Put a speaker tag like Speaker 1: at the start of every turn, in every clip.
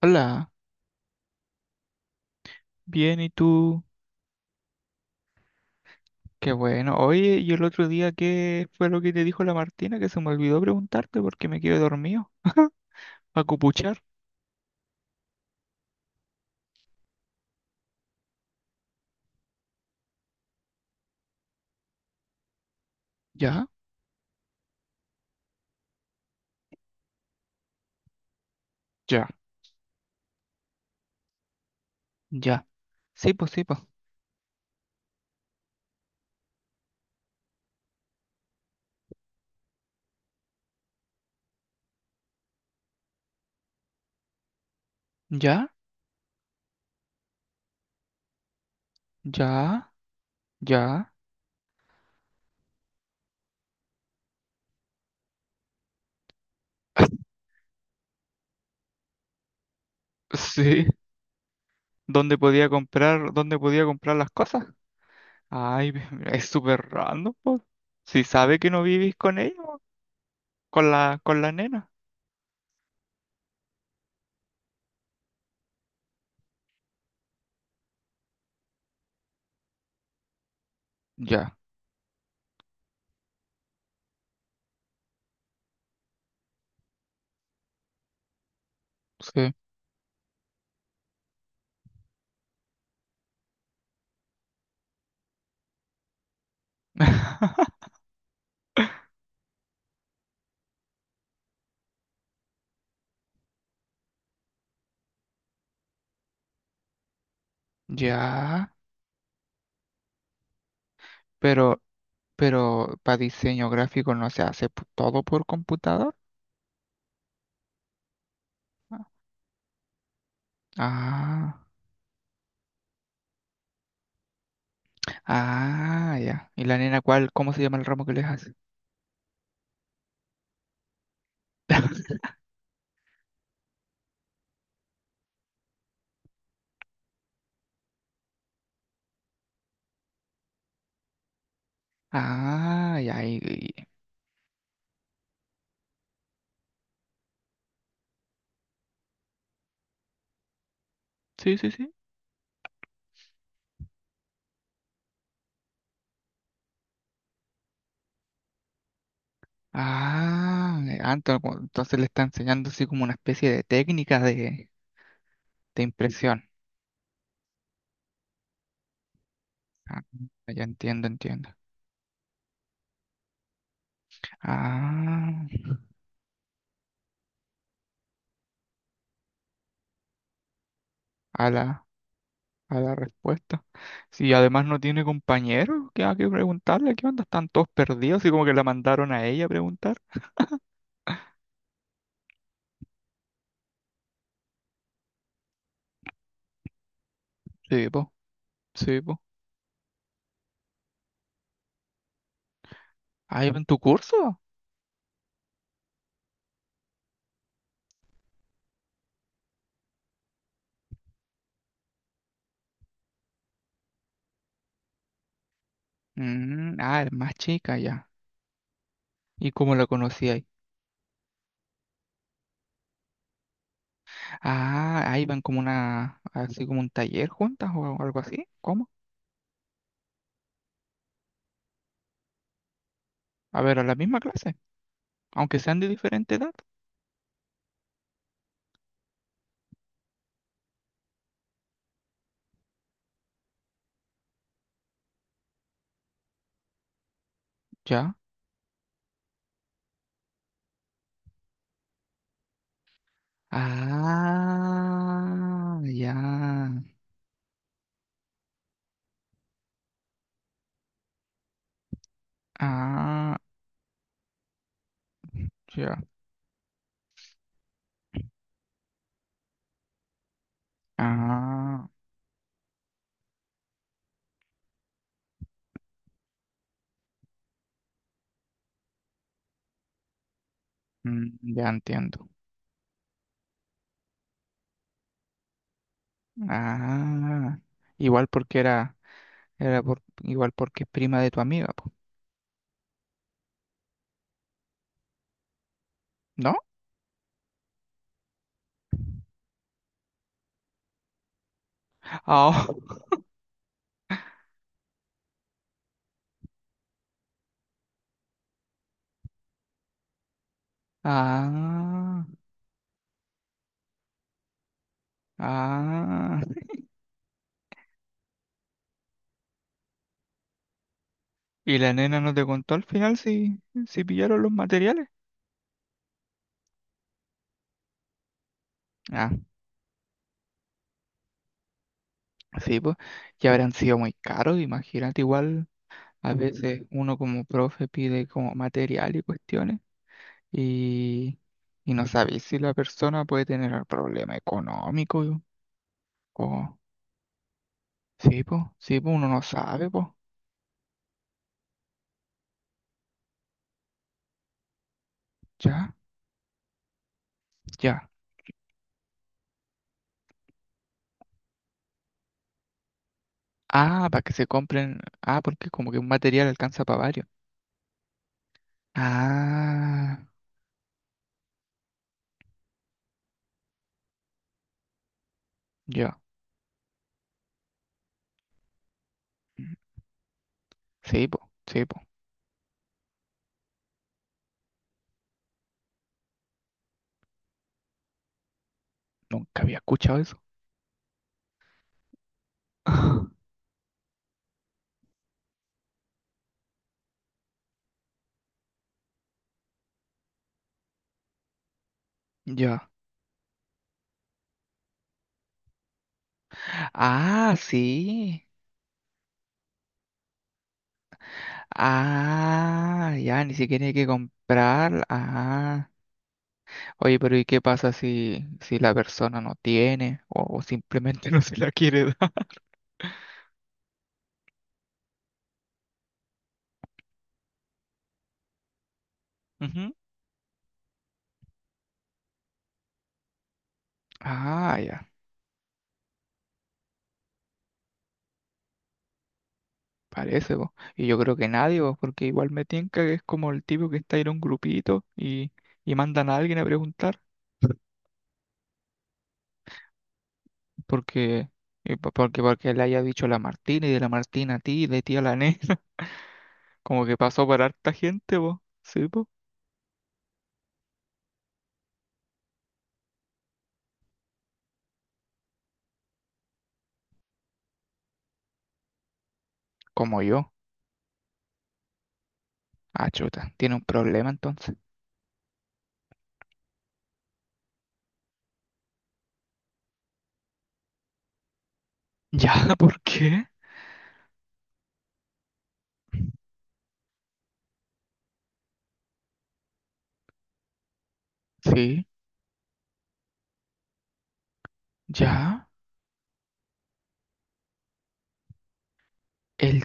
Speaker 1: Hola, bien, ¿y tú? Qué bueno. Oye, ¿y el otro día qué fue lo que te dijo la Martina que se me olvidó preguntarte porque me quedé dormido? ¿A cupuchar? Ya, ya, ya. Sí, pues sí, pues. Ya, ya, ya. Sí. ¿Dónde podía comprar las cosas? Ay, es súper random, pues. Si sabe que no vivís con ella, po, con la nena. Ya, sí. Ya, pero. Pero para diseño gráfico no se hace todo por computador. Ah, ah, ya. ¿Y la nena cuál? ¿Cómo se llama el ramo que les hace? Ah, ya. Sí, sí, sí. Ah, ah, entonces le está enseñando así como una especie de técnica de impresión. Ah, ya entiendo, entiendo. Ah, a la respuesta. Si además no tiene compañeros, ¿qué hay que preguntarle? ¿Qué onda? Están todos perdidos y como que la mandaron a ella a preguntar. Sí, pues. Sí, po. Ah, ¿iba en tu curso? Ah, es más chica ya. ¿Y cómo la conocí ahí? Ah, ahí van como una, así como un taller juntas o algo así. ¿Cómo? A ver, a la misma clase, aunque sean de diferente edad. Ya. Ah, ya. Ah, ya. Ah, mm, ya entiendo. Ah, igual porque igual porque es prima de tu amiga, po, ¿no? Ah, ah. Ah, ¿y la nena no te contó al final si pillaron los materiales? Ah, sí, pues, ya habrán sido muy caros, imagínate, igual a veces uno como profe pide como material y cuestiones y, y no sabéis si la persona puede tener el problema económico o... sí, pues, uno no sabe, pues, ya, ya. Ah, para que se compren, ah, porque como que un material alcanza para varios. Ah, ya. Sí, pues, sí, pues. Nunca había escuchado eso. Ya. Ah, sí. Ah, ya, ni siquiera hay que comprar. Ah. Oye, pero ¿y qué pasa si la persona no tiene o simplemente no se la quiere dar? Ujú. Ah, ya. Parece, po. Y yo creo que nadie, po, porque igual me tinca que es como el tipo que está en un grupito y mandan a alguien a preguntar porque, y po- porque, porque le haya dicho la Martina y de la Martina a ti, de ti a la Nena. Como que pasó por harta gente, vos. Sí, vos. Como yo. Ah, chuta. Tiene un problema entonces. Ya, ¿por qué? Sí, ya. El,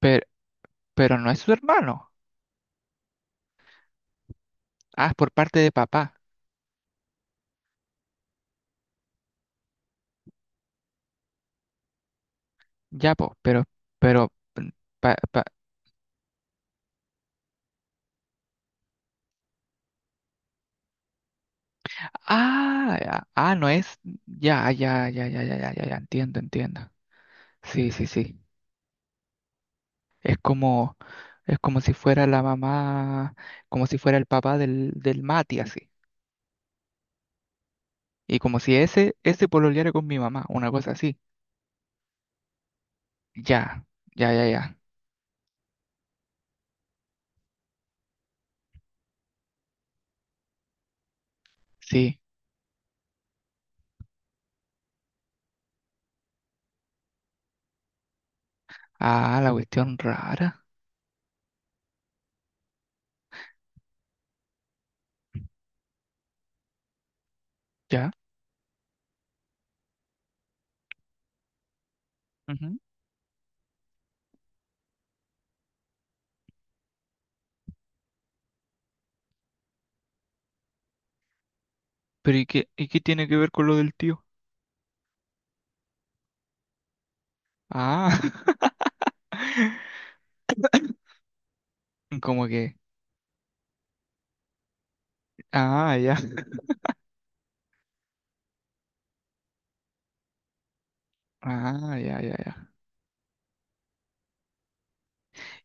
Speaker 1: pero, pero no es su hermano. Ah, es por parte de papá. Ya, po, pero, mm, pa- pa- ah, ya, ah, no es. Ya, ya, ya, ya, ya, ya, ya, ya, entiendo, entiendo. Sí, sí, sí. Es como, es como si fuera la mamá, como si fuera el papá del Mati, así. Y como si ese pololeara con mi mamá, una cosa así. Ya, ya, ya, ya. Sí. Ah, la cuestión rara. Ya. Ujú. Pero ¿y qué tiene que ver con lo del tío? Ah, como que. Ah, ya. Ah, ya, ya, ya.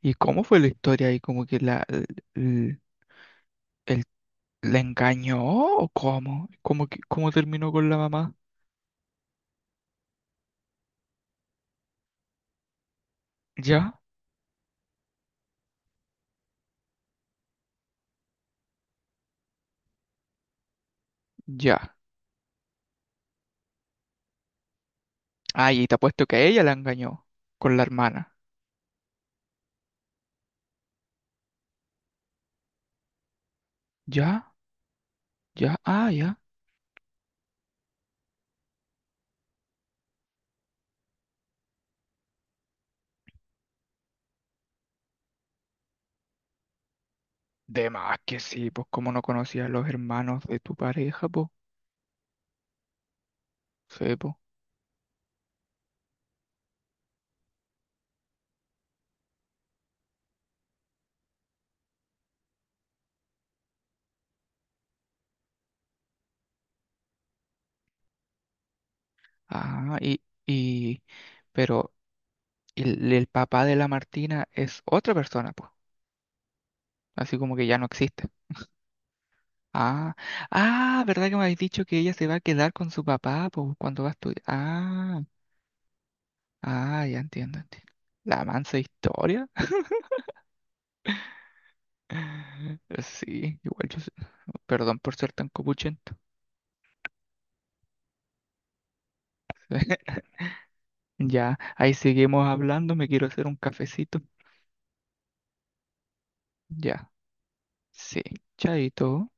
Speaker 1: ¿Y cómo fue la historia ahí? ¿Como que la, l- l- el- la engañó o cómo? ¿Cómo terminó con la mamá? Ya, ya. Ah, y te apuesto que ella la engañó con la hermana. Ya, ya, ah, ya. De más que sí, pues como no conocía a los hermanos de tu pareja, pues. Sí, po. Ah, pero el papá de la Martina es otra persona, pues. Así como que ya no existe. Ah, ah, ¿verdad que me habéis dicho que ella se va a quedar con su papá, pues, cuando va a estudiar? Ah, ah, ya entiendo, entiendo. La mansa historia. Sí, igual perdón por ser tan copuchento. Ya, ahí seguimos hablando, me quiero hacer un cafecito. Ya, sí, chaito.